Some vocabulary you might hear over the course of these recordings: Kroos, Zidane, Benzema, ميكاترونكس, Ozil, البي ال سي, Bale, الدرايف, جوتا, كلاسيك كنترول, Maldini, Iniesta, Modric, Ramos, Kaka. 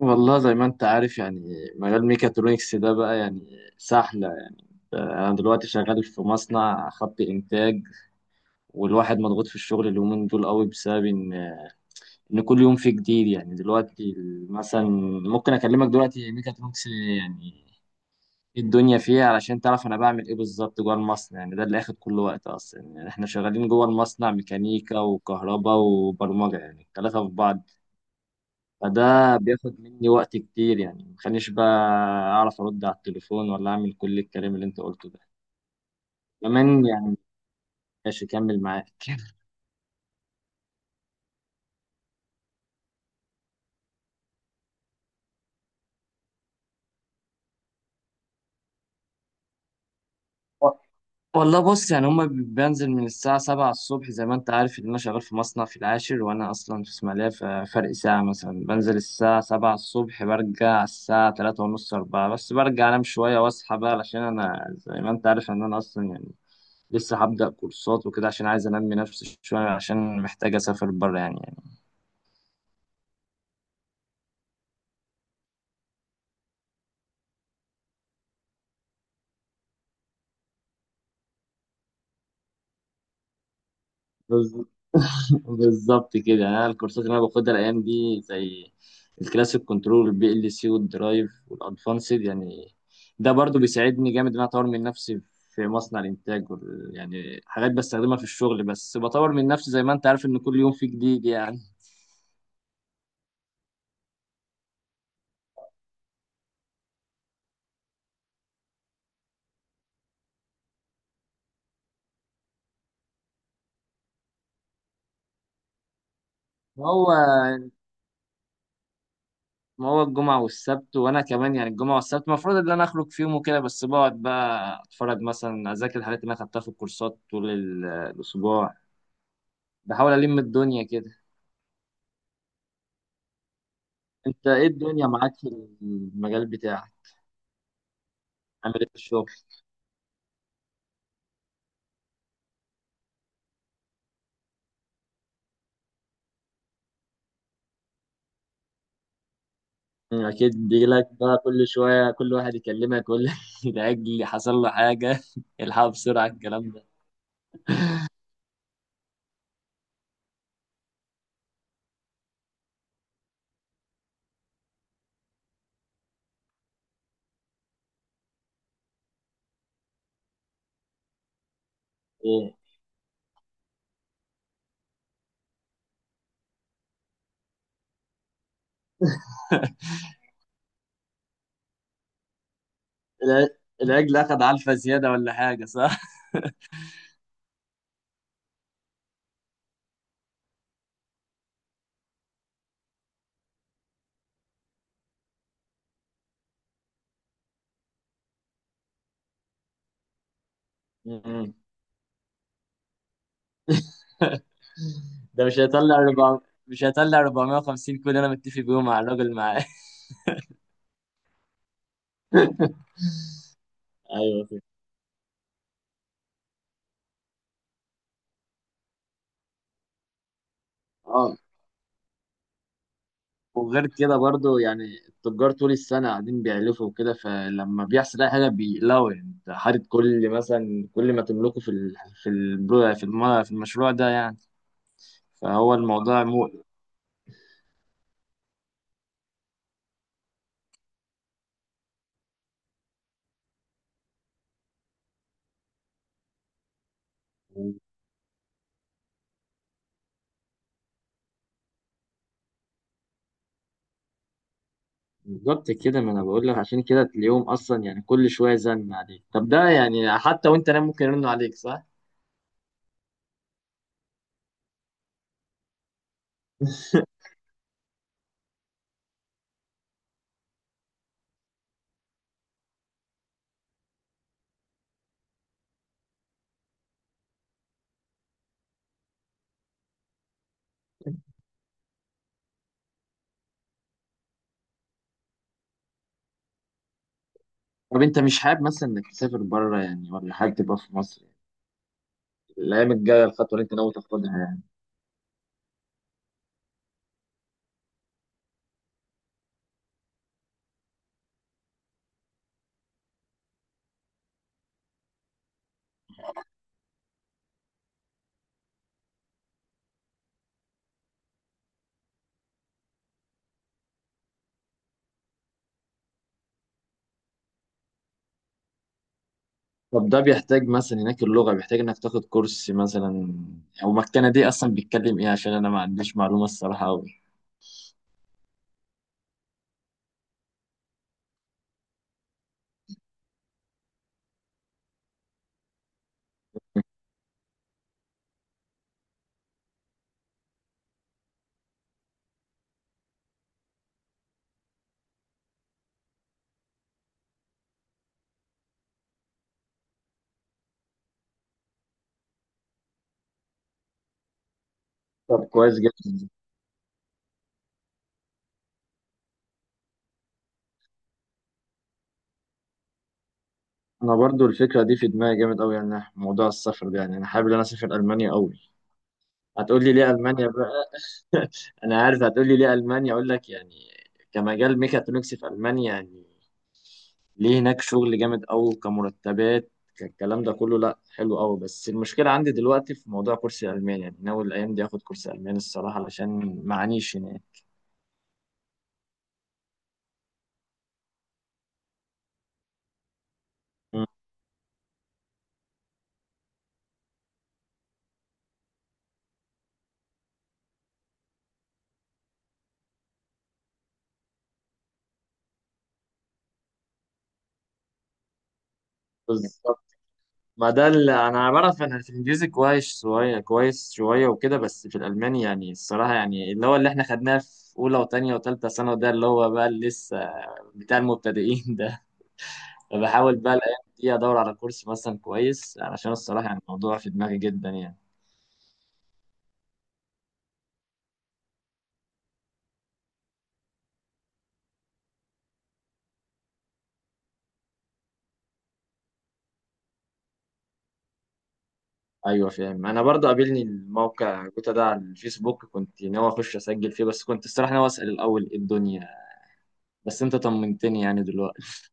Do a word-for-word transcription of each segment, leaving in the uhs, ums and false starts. والله زي ما انت عارف يعني مجال ميكاترونكس ده بقى يعني سحلة يعني انا دلوقتي شغال في مصنع خط انتاج والواحد مضغوط في الشغل اليومين دول قوي بسبب ان ان كل يوم فيه جديد يعني دلوقتي مثلا ممكن اكلمك دلوقتي ميكاترونكس يعني ايه الدنيا فيها علشان تعرف انا بعمل ايه بالظبط جوه المصنع يعني ده اللي اخد كل وقت اصلا يعني احنا شغالين جوه المصنع ميكانيكا وكهرباء وبرمجة يعني الثلاثة في بعض. فده بياخد مني وقت كتير يعني مخلينيش بقى أعرف أرد على التليفون ولا أعمل كل الكلام اللي أنت قلته ده كمان يعني. ماشي كمل معاك. و- والله بص يعني هما بي- بنزل من الساعة سبعة الصبح، زي ما أنت عارف إن أنا شغال في مصنع في العاشر وأنا أصلا في إسماعيلية ففرق ساعة، مثلا بنزل الساعة سبعة الصبح، برجع الساعة تلاتة ونص أربعة، بس برجع أنام شوية وأصحى بقى، علشان أنا زي ما أنت عارف إن أنا أصلا يعني لسه هبدأ كورسات وكده، عشان عايز أنمي نفسي شوية، عشان محتاج أسافر بره يعني. بز- بالظبط كده. انا الكورسات اللي انا باخدها الايام دي زي الكلاسيك كنترول، البي ال سي والدرايف والادفانسد يعني، ده برضو بيساعدني جامد ان انا اطور من نفسي في مصنع الانتاج، وال- يعني حاجات بستخدمها في الشغل، بس بطور من نفسي زي ما انت عارف ان كل يوم في جديد يعني. ما هو ما هو الجمعة والسبت، وانا كمان يعني الجمعة والسبت المفروض ان انا اخرج فيهم وكده، بس بقعد بقى اتفرج مثلا، اذاكر الحاجات اللي انا خدتها في الكورسات طول ال- الاسبوع، بحاول الم الدنيا كده. انت ايه الدنيا معاك في المجال بتاعك؟ عامل ايه في الشغل؟ مم، اكيد بيجيلك بقى كل شويه كل واحد يكلمك، ولا الاجل حصل له حاجه الحقوا بسرعه الكلام ده؟ ايه الع- الاجل اخد علفه زياده ولا حاجه، صح؟ مم. ده مش هيطلع أربعمية، مش هيطلع أربعمية وخمسين كود، انا متفق بيهم مع الراجل معاه. ايوه فهمت. اه، وغير كده برضو يعني التجار طول السنة قاعدين بيعلفوا وكده، فلما بيحصل أي حاجة بيقلقوا يعني، أنت حاطط كل مثلا كل ما تملكه في ال... في البرو... في الم... في المشروع ده يعني، فهو الموضوع مقلق. بالظبط كده. ما أنا بقول لك عشان كده، اليوم أصلا يعني كل شوية زن عليك، طب ده يعني حتى وأنت نايم ممكن يرنوا عليك، صح؟ طب أنت مش حابب مثلا إنك تسافر بره يعني ولا حابب تبقى في مصر؟ يعني الأيام الجاية، الخطوة اللي أنت ناوي تاخدها. طب ده بيحتاج مثلا هناك اللغة، بيحتاج انك تاخد كورس مثلا، او مكانة دي اصلا بيتكلم ايه؟ عشان انا ما عنديش معلومة الصراحة قوي. طب كويس جدا. انا برضو الفكرة دي في دماغي جامد قوي، يعني موضوع السفر ده يعني انا حابب ان انا اسافر المانيا قوي. هتقول لي ليه المانيا بقى؟ انا عارف هتقول لي ليه المانيا، اقول لك يعني كمجال ميكاترونكس في المانيا، يعني ليه هناك شغل جامد قوي، كمرتبات، كالكلام ده كله، لا حلو قوي. بس المشكله عندي دلوقتي في موضوع كرسي الماني يعني، ناوي الايام دي اخد كرسي الماني الصراحه، علشان معانيش هناك. مم. بالظبط. ما ده اللي انا بعرف، انا في الانجليزي كويس شويه كويس شويه وكده، بس في الالماني يعني الصراحه، يعني اللي هو اللي احنا خدناه في اولى وثانيه وثالثه ثانوي ده اللي هو بقى اللي لسه بتاع المبتدئين ده. فبحاول بقى الايام دي ادور على كورس مثلا كويس، علشان الصراحه يعني الموضوع في دماغي جدا يعني. ايوه فاهم. انا برضو قابلني الموقع جوتا ده على الفيسبوك، كنت ناوي اخش اسجل فيه، بس كنت الصراحه ناوي اسال الاول ايه الدنيا، بس انت طمنتني يعني دلوقتي.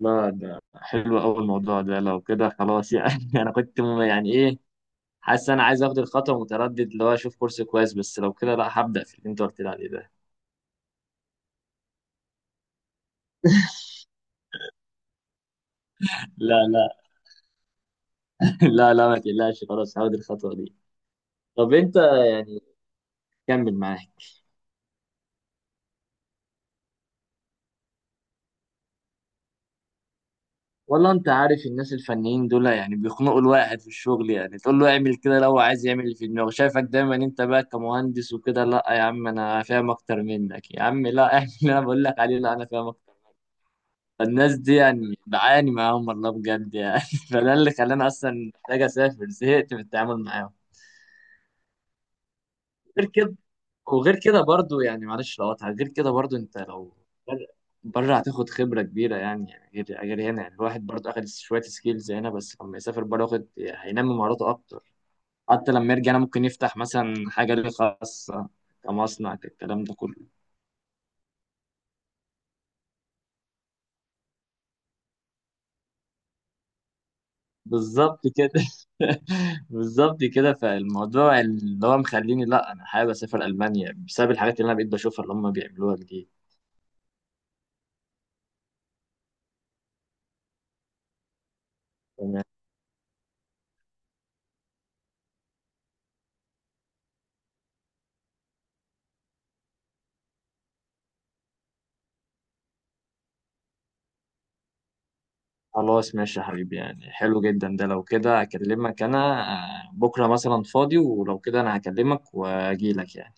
لا ده حلو قوي الموضوع ده، لو كده خلاص يعني. انا كنت م- يعني ايه، حاسس انا عايز اخد الخطوه، متردد اللي هو اشوف كورس كويس، بس لو كده لا هبدا في اللي انت قلت لي عليه ده. لا لا. لا لا ما تقلقش، خلاص هاخد الخطوه دي. طب انت كمل معايا. والله انت عارف الناس الفنيين دول يعني بيخنقوا الواحد في الشغل يعني، تقول له اعمل كده لو عايز يعمل اللي في دماغه، شايفك دايما انت بقى كمهندس وكده، لا يا عم انا فاهم اكتر منك، يا عم لا اعمل اللي انا بقول لك عليه، لا انا فاهم اكتر. الناس دي يعني بعاني معاهم والله بجد يعني. فده اللي خلاني اصلا محتاج اسافر، زهقت من التعامل معاهم. غير كده، وغير كده برضو يعني، معلش لو قطع، غير كده برضو انت لو بر- بره هتاخد خبرة كبيرة يعني، يعني غير غير هنا يعني، الواحد برضو اخد شوية سكيلز هنا، بس لما يسافر بره واخد هينمي مهاراته اكتر، حتى لما يرجع هنا ممكن يفتح مثلا حاجة ليه خاصة كمصنع، الكلام ده كله. بالظبط كده. بالظبط كده. فالموضوع اللي هو مخليني لا انا حابب اسافر المانيا بسبب الحاجات اللي انا بقيت بشوفها اللي هم بيعملوها جديد. خلاص ماشي يا حبيبي، يعني حلو جدا ده، لو كده اكلمك انا آه، بكره مثلا فاضي، ولو كده انا هكلمك واجيلك يعني.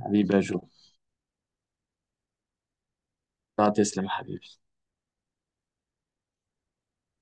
حبيبي يا جو. لا تسلم يا حبيبي.